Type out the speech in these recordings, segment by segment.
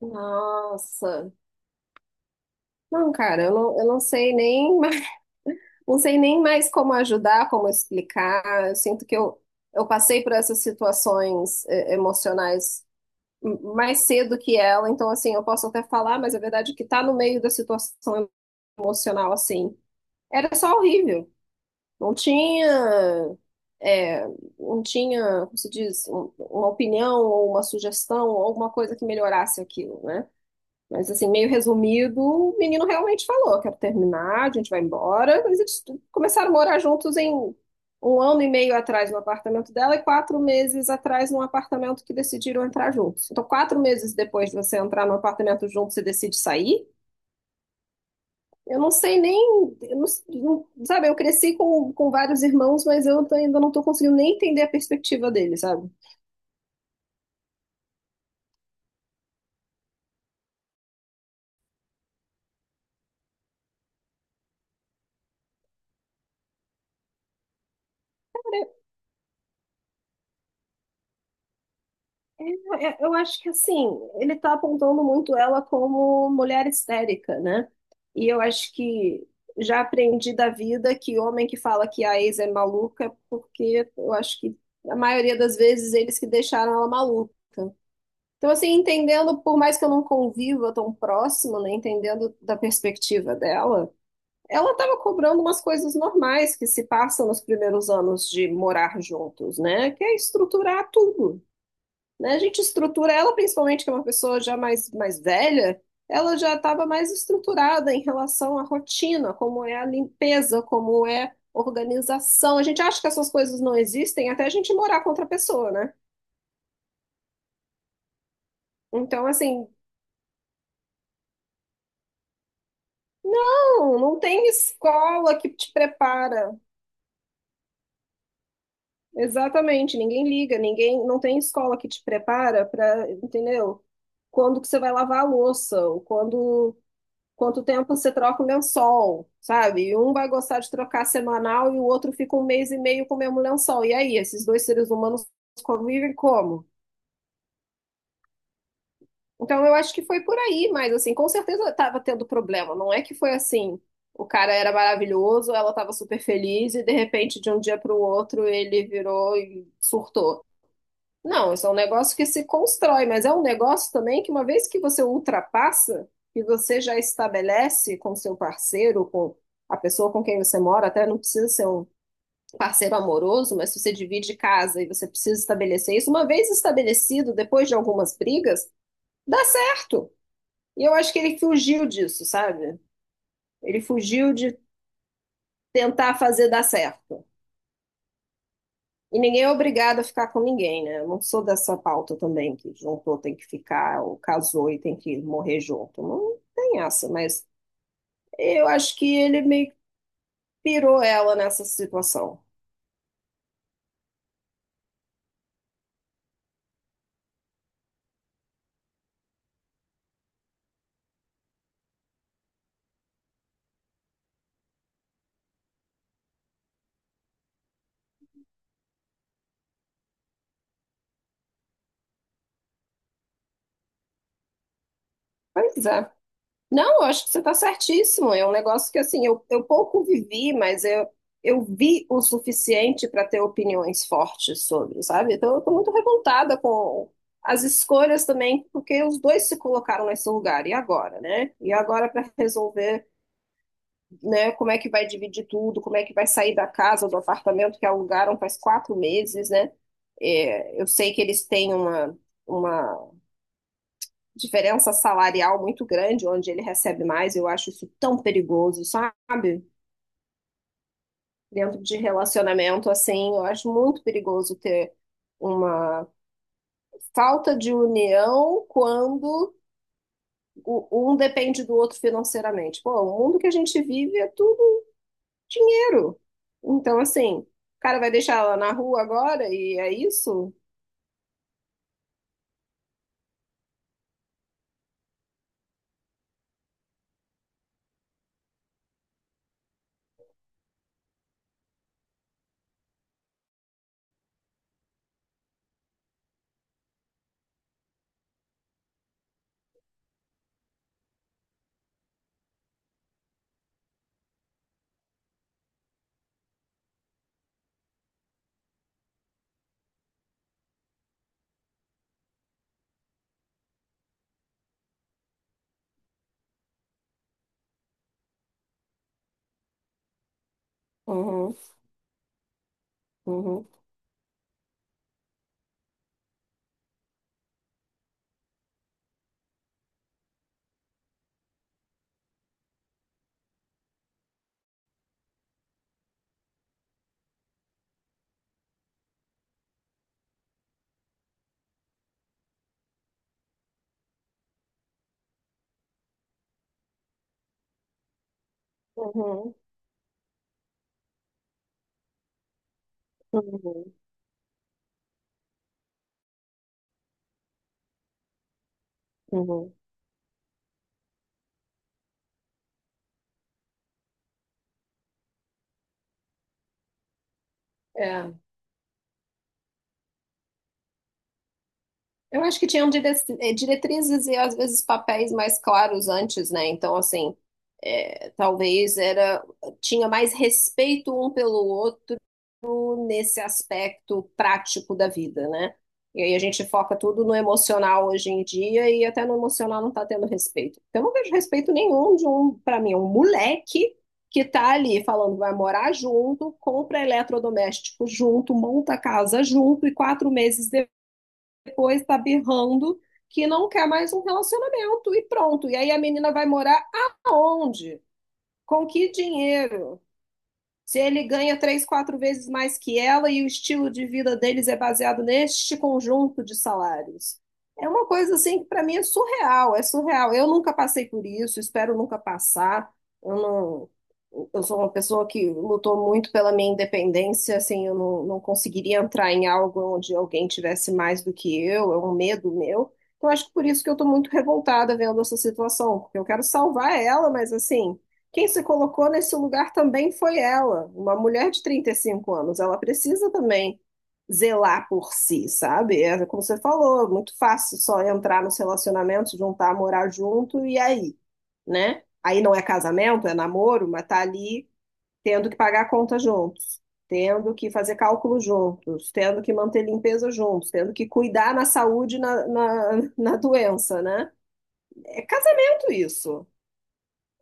Nossa. Não, cara, eu não sei nem mais, não sei nem mais como ajudar, como explicar. Eu sinto que eu passei por essas situações emocionais mais cedo que ela, então assim, eu posso até falar, mas a verdade é que tá no meio da situação emocional assim. Era só horrível. Não tinha, eh, não tinha, como se diz, uma opinião ou uma sugestão ou alguma coisa que melhorasse aquilo, né? Mas assim, meio resumido, o menino realmente falou: quero terminar, a gente vai embora. Mas eles começaram a morar juntos em 1 ano e meio atrás no apartamento dela e 4 meses atrás num apartamento que decidiram entrar juntos. Então, 4 meses depois de você entrar no apartamento junto, você decide sair. Eu não sei nem. Eu não- não- sabe, eu cresci com vários irmãos, mas eu tô- ainda não estou conseguindo nem entender a perspectiva deles, sabe? É, é, eu acho que assim, ele está apontando muito ela como mulher histérica, né? E eu acho que já aprendi da vida que homem que fala que a ex é maluca, é porque eu acho que a maioria das vezes eles que deixaram ela maluca. Então, assim, entendendo, por mais que eu não conviva tão próximo, né? Entendendo da perspectiva dela, ela estava cobrando umas coisas normais que se passam nos primeiros anos de morar juntos, né? Que é estruturar tudo, né? A gente estrutura ela, principalmente que é uma pessoa já mais, mais velha, ela já estava mais estruturada em relação à rotina, como é a limpeza, como é organização. A gente acha que essas coisas não existem até a gente morar com outra pessoa, né? Então, assim, não, não tem escola que te prepara. Exatamente, ninguém liga, ninguém, não tem escola que te prepara para, entendeu? Quando que você vai lavar a louça, ou quando quanto tempo você troca o lençol, sabe? E um vai gostar de trocar semanal e o outro fica 1 mês e meio com o mesmo lençol. E aí, esses dois seres humanos convivem como? Então, eu acho que foi por aí, mas assim, com certeza estava tendo problema. Não é que foi assim, o cara era maravilhoso, ela estava super feliz e de repente, de um dia para o outro, ele virou e surtou. Não, isso é um negócio que se constrói, mas é um negócio também que uma vez que você ultrapassa, que você já estabelece com seu parceiro, com a pessoa com quem você mora, até não precisa ser um parceiro amoroso, mas se você divide casa e você precisa estabelecer isso, uma vez estabelecido, depois de algumas brigas, dá certo. E eu acho que ele fugiu disso, sabe? Ele fugiu de tentar fazer dar certo. E ninguém é obrigado a ficar com ninguém, né? Eu não sou dessa pauta também, que juntou tem que ficar, ou casou e tem que morrer junto. Não tem essa, mas eu acho que ele meio que pirou ela nessa situação. Pois é. Não, eu acho que você está certíssimo. É um negócio que, assim, eu pouco vivi, mas eu vi o suficiente para ter opiniões fortes sobre, sabe? Então eu estou muito revoltada com as escolhas também, porque os dois se colocaram nesse lugar. E agora, né? E agora para resolver, né? Como é que vai dividir tudo? Como é que vai sair da casa, do apartamento que alugaram faz 4 meses, né? É, eu sei que eles têm uma diferença salarial muito grande, onde ele recebe mais. Eu acho isso tão perigoso, sabe? Dentro de relacionamento, assim, eu acho muito perigoso ter uma falta de união quando um depende do outro financeiramente. Pô, o mundo que a gente vive é tudo dinheiro. Então, assim, o cara vai deixar ela na rua agora e é isso? Uhum, uhum, uhum, uhum, uhum. É. Eu acho que tinham eh, diretrizes e às vezes papéis mais claros antes, né? Então, assim, é, talvez era tinha mais respeito um pelo outro nesse aspecto prático da vida, né? E aí a gente foca tudo no emocional hoje em dia e até no emocional não está tendo respeito. Eu não vejo respeito nenhum de um, para mim, um moleque que tá ali falando que vai morar junto, compra eletrodoméstico junto, monta casa junto e 4 meses depois tá berrando que não quer mais um relacionamento e pronto. E aí a menina vai morar aonde? Com que dinheiro? Se ele ganha três, quatro vezes mais que ela e o estilo de vida deles é baseado neste conjunto de salários. É uma coisa assim que para mim é surreal, é surreal. Eu nunca passei por isso, espero nunca passar. Eu não, eu sou uma pessoa que lutou muito pela minha independência, assim, eu não, não conseguiria entrar em algo onde alguém tivesse mais do que eu, é um medo meu. Então acho que por isso que eu estou muito revoltada vendo essa situação, porque eu quero salvar ela, mas assim quem se colocou nesse lugar também foi ela, uma mulher de 35 anos. Ela precisa também zelar por si, sabe? É como você falou, muito fácil só entrar nos relacionamentos, juntar, morar junto e aí, né? Aí não é casamento, é namoro, mas tá ali tendo que pagar a conta juntos, tendo que fazer cálculo juntos, tendo que manter limpeza juntos, tendo que cuidar na saúde e na doença, né? É casamento isso.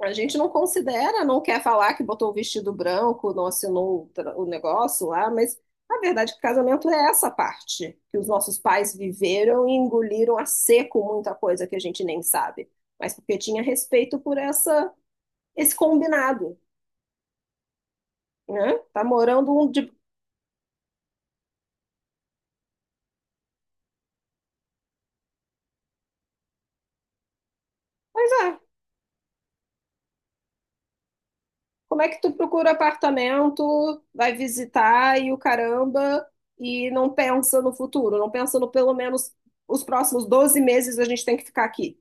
A gente não considera, não quer falar que botou o vestido branco, não assinou o o negócio lá, mas a verdade é que casamento é essa parte, que os nossos pais viveram e engoliram a seco muita coisa que a gente nem sabe, mas porque tinha respeito por essa esse combinado, né? Tá morando um de... Pois é, como é que tu procura apartamento, vai visitar e o caramba, e não pensa no futuro, não pensa no pelo menos os próximos 12 meses a gente tem que ficar aqui.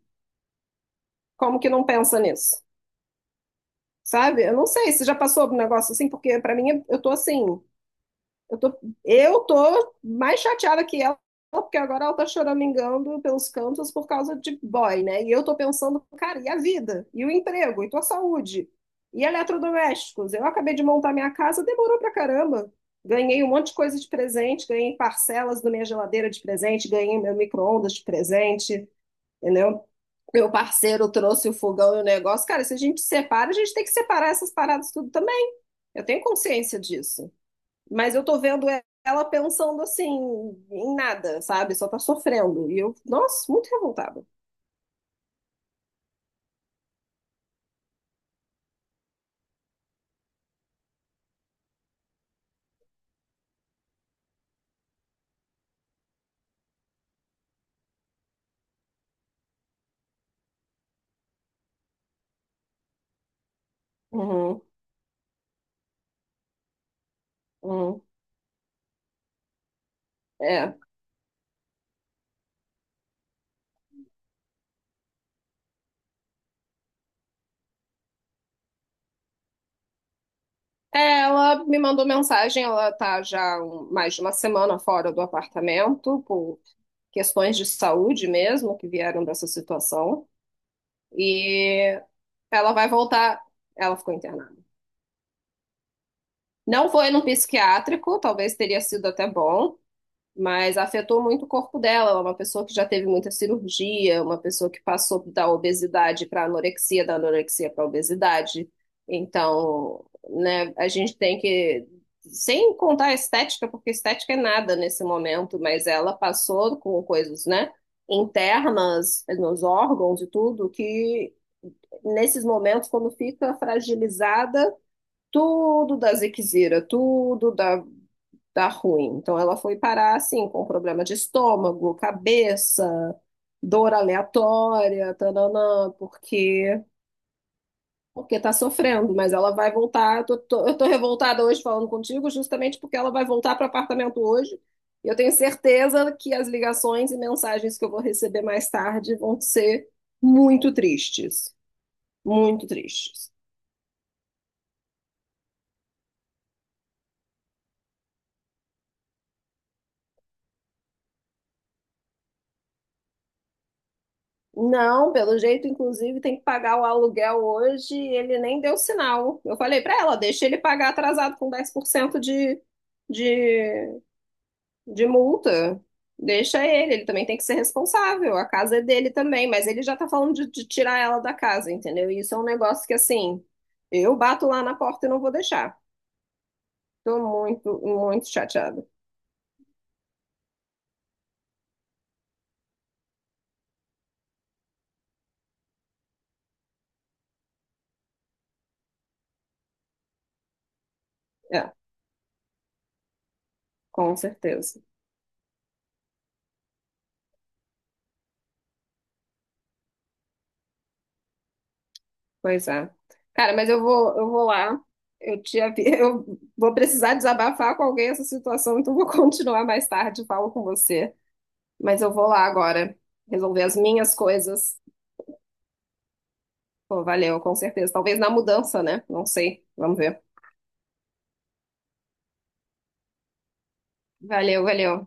Como que não pensa nisso? Sabe? Eu não sei se já passou um negócio assim, porque pra mim eu tô assim, eu tô, eu tô mais chateada que ela, porque agora ela tá choramingando pelos cantos por causa de boy, né? E eu tô pensando, cara, e a vida? E o emprego? E tua saúde? E eletrodomésticos? Eu acabei de montar minha casa, demorou pra caramba. Ganhei um monte de coisa de presente, ganhei parcelas da minha geladeira de presente, ganhei meu micro-ondas de presente, entendeu? Meu parceiro trouxe o fogão e o negócio. Cara, se a gente separa, a gente tem que separar essas paradas tudo também. Eu tenho consciência disso. Mas eu tô vendo ela pensando assim, em nada, sabe? Só tá sofrendo. E eu, nossa, muito revoltada. Uhum, uhum. É. É, ela me mandou mensagem, ela tá já mais de uma semana fora do apartamento, por questões de saúde mesmo, que vieram dessa situação. E ela vai voltar. Ela ficou internada. Não foi num psiquiátrico, talvez teria sido até bom, mas afetou muito o corpo dela. Ela é uma pessoa que já teve muita cirurgia, uma pessoa que passou da obesidade para anorexia, da anorexia para obesidade. Então, né, a gente tem que, sem contar a estética, porque estética é nada nesse momento, mas ela passou com coisas, né, internas nos órgãos e tudo, que nesses momentos, quando fica fragilizada, tudo da ziquezira, tudo da ruim. Então ela foi parar assim, com problema de estômago, cabeça, dor aleatória, tananã, porque tá sofrendo, mas ela vai voltar. Eu tô revoltada hoje falando contigo, justamente porque ela vai voltar para o apartamento hoje. E eu tenho certeza que as ligações e mensagens que eu vou receber mais tarde vão ser muito tristes, muito tristes. Não, pelo jeito, inclusive, tem que pagar o aluguel hoje. E ele nem deu sinal. Eu falei para ela, deixa ele pagar atrasado com 10% de, de multa. Deixa ele, ele também tem que ser responsável. A casa é dele também, mas ele já tá falando de tirar ela da casa, entendeu? E isso é um negócio que, assim, eu bato lá na porta e não vou deixar. Tô muito, muito chateada. É, com certeza. Pois é. Cara, mas eu vou lá. Eu te avi... eu vou precisar desabafar com alguém essa situação, então vou continuar mais tarde, falo com você. Mas eu vou lá agora resolver as minhas coisas. Pô, valeu, com certeza. Talvez na mudança, né? Não sei. Vamos ver. Valeu, valeu.